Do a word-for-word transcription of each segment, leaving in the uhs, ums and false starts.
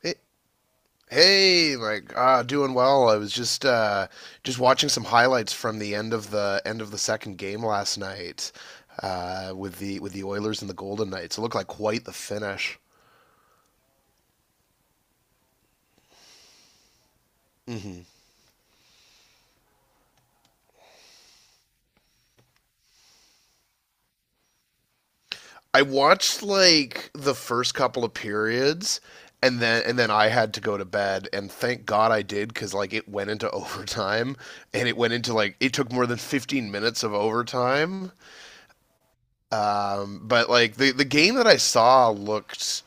Hey, hey, Mike. Uh, doing well. I was just uh, just watching some highlights from the end of the end of the second game last night uh, with the with the Oilers and the Golden Knights. It looked like quite the finish. Hmm. I watched like the first couple of periods, and then and then I had to go to bed. And thank God I did, because like it went into overtime, and it went into like it took more than fifteen minutes of overtime. Um, but like the the game that I saw looked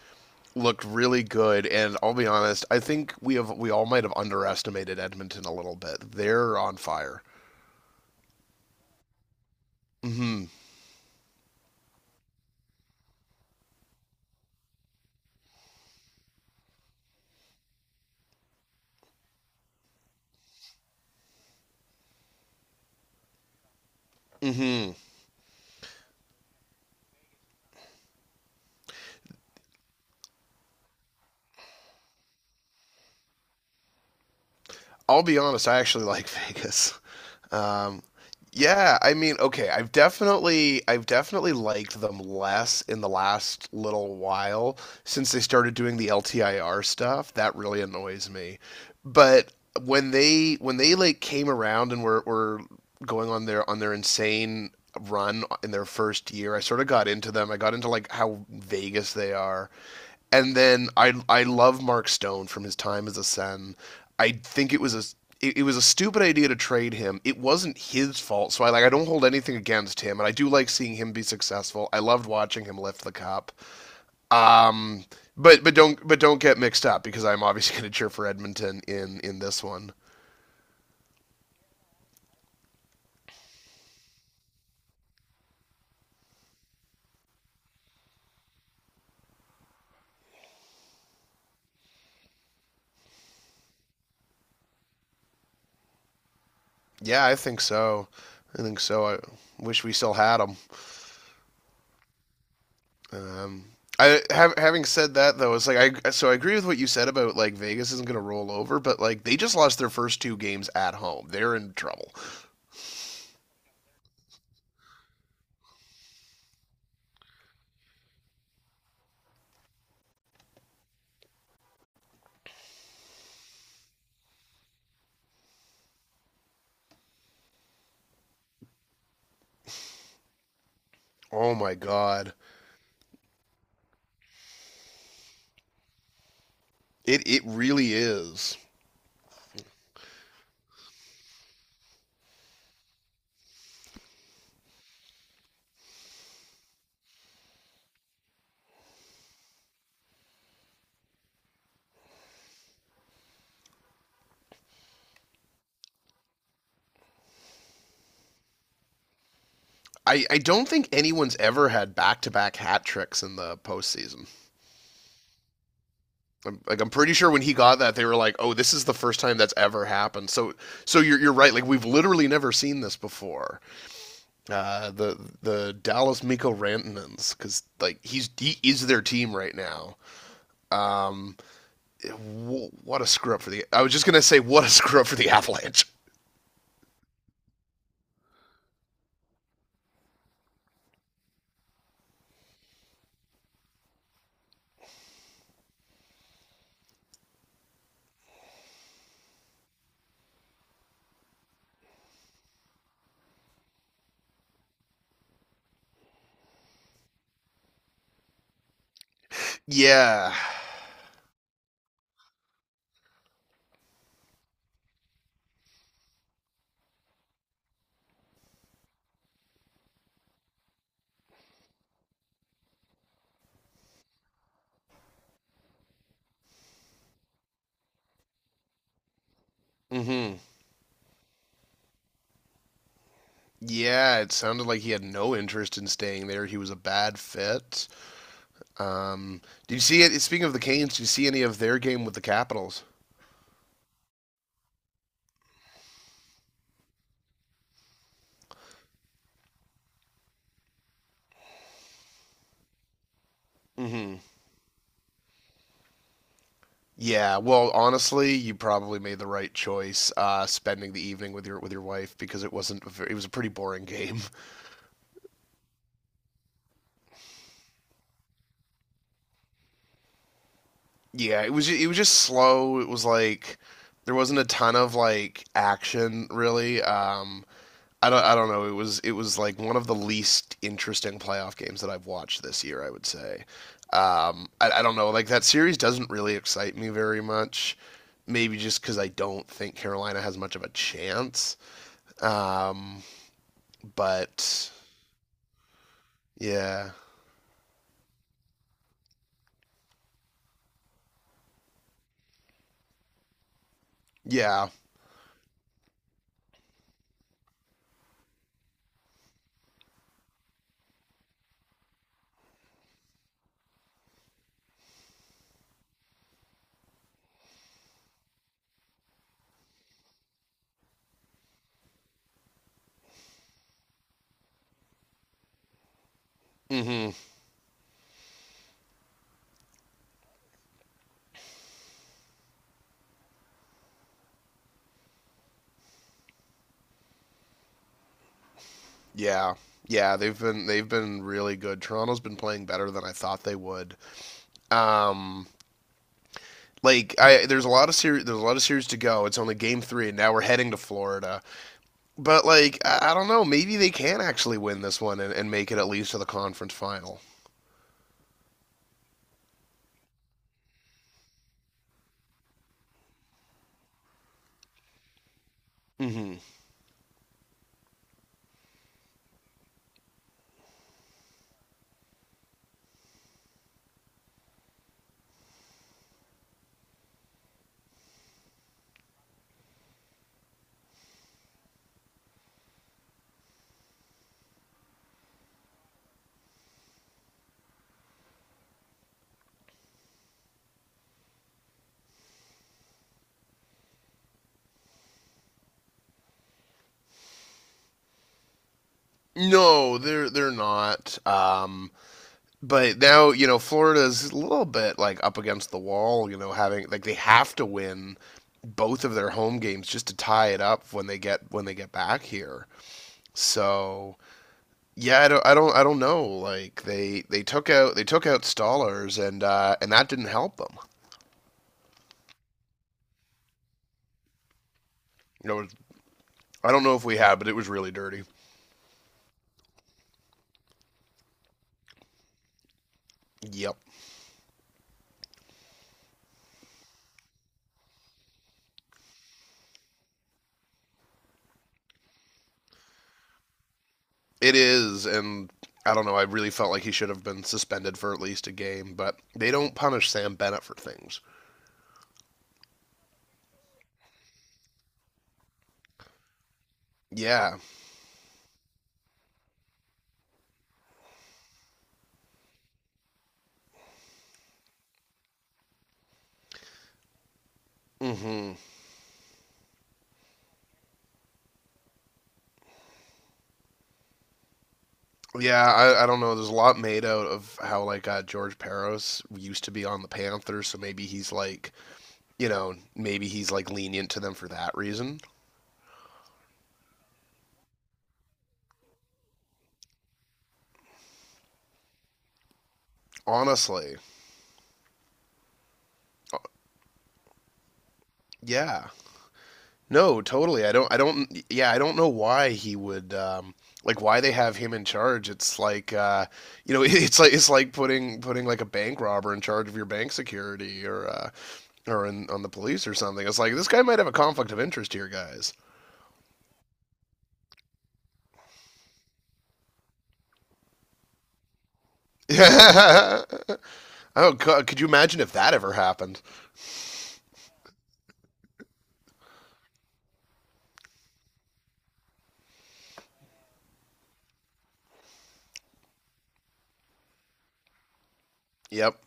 looked really good, and I'll be honest, I think we have we all might have underestimated Edmonton a little bit. They're on fire. Mm-hmm. Mm-hmm. I'll be honest, I actually like Vegas. Um, yeah, I mean, okay, I've definitely I've definitely liked them less in the last little while since they started doing the L T I R stuff. That really annoys me. But when they when they like came around and were were going on their on their insane run in their first year, I sort of got into them. I got into like how Vegas they are, and then I I love Mark Stone from his time as a Senator I think it was a it, it was a stupid idea to trade him. It wasn't his fault, so I, like, I don't hold anything against him, and I do like seeing him be successful. I loved watching him lift the cup. Um, but but don't but don't get mixed up because I'm obviously going to cheer for Edmonton in in this one. Yeah, I think so. I think so. I wish we still had him. Um, I have, having said that though, it's like I so I agree with what you said about like Vegas isn't going to roll over, but like they just lost their first two games at home. They're in trouble. Oh my god. It it really is. I, I don't think anyone's ever had back to back hat tricks in the postseason. I'm, like I'm pretty sure when he got that, they were like, "Oh, this is the first time that's ever happened." So so you're you're right. Like we've literally never seen this before. Uh, the the Dallas Miko Rantanens, because like he's he is their team right now. Um, w- what a screw up for the. I was just gonna say what a screw up for the Avalanche. Yeah. Mm-hmm. Yeah, it sounded like he had no interest in staying there. He was a bad fit. Um, did you see it? Speaking of the Canes, did you see any of their game with the Capitals? Mm-hmm. Yeah, well, honestly, you probably made the right choice uh, spending the evening with your with your wife because it wasn't a ver- it was a pretty boring game. Yeah, it was ju- it was just slow. It was like there wasn't a ton of like action really. Um, I don't I don't know. It was it was like one of the least interesting playoff games that I've watched this year, I would say. Um, I, I don't know. Like that series doesn't really excite me very much. Maybe just because I don't think Carolina has much of a chance. Um, but yeah, yeah, hmm, yeah, yeah. They've been they've been really good. Toronto's been playing better than I thought they would. Um, like I there's a lot of series there's a lot of series to go. It's only game three, and now we're heading to Florida. But like I, I don't know, maybe they can actually win this one and, and make it at least to the conference final. Hmm. No, they're they're not. Um, but now you know Florida's a little bit like up against the wall. You know, having like they have to win both of their home games just to tie it up when they get when they get back here. So. Yeah, I don't, I don't, I don't know. Like they, they took out, they took out Stallers, and uh, and that didn't help them. You know, I don't know if we had, but it was really dirty. Yep, it is, and I don't know. I really felt like he should have been suspended for at least a game, but they don't punish Sam Bennett for things. Yeah, hmm, yeah. I, I don't know. There's a lot made out of how like uh, George Peros used to be on the Panthers, so maybe he's like, you know, maybe he's like lenient to them for that reason. Honestly, yeah. No, totally. I don't. I don't. Yeah, I don't know why he would. Um, like why they have him in charge. It's like uh, you know, it's like it's like putting putting like a bank robber in charge of your bank security or uh, or in, on the police or something. It's like this guy might have a conflict of interest here, guys. Oh, co- could you imagine if that ever happened? Yep.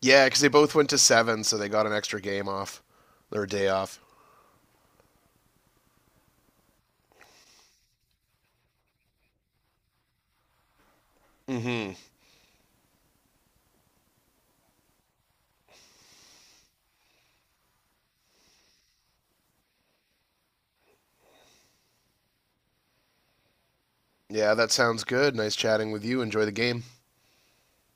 Yeah, because they both went to seven, so they got an extra game off, or a day off. Hmm. Yeah, that sounds good. Nice chatting with you. Enjoy the game.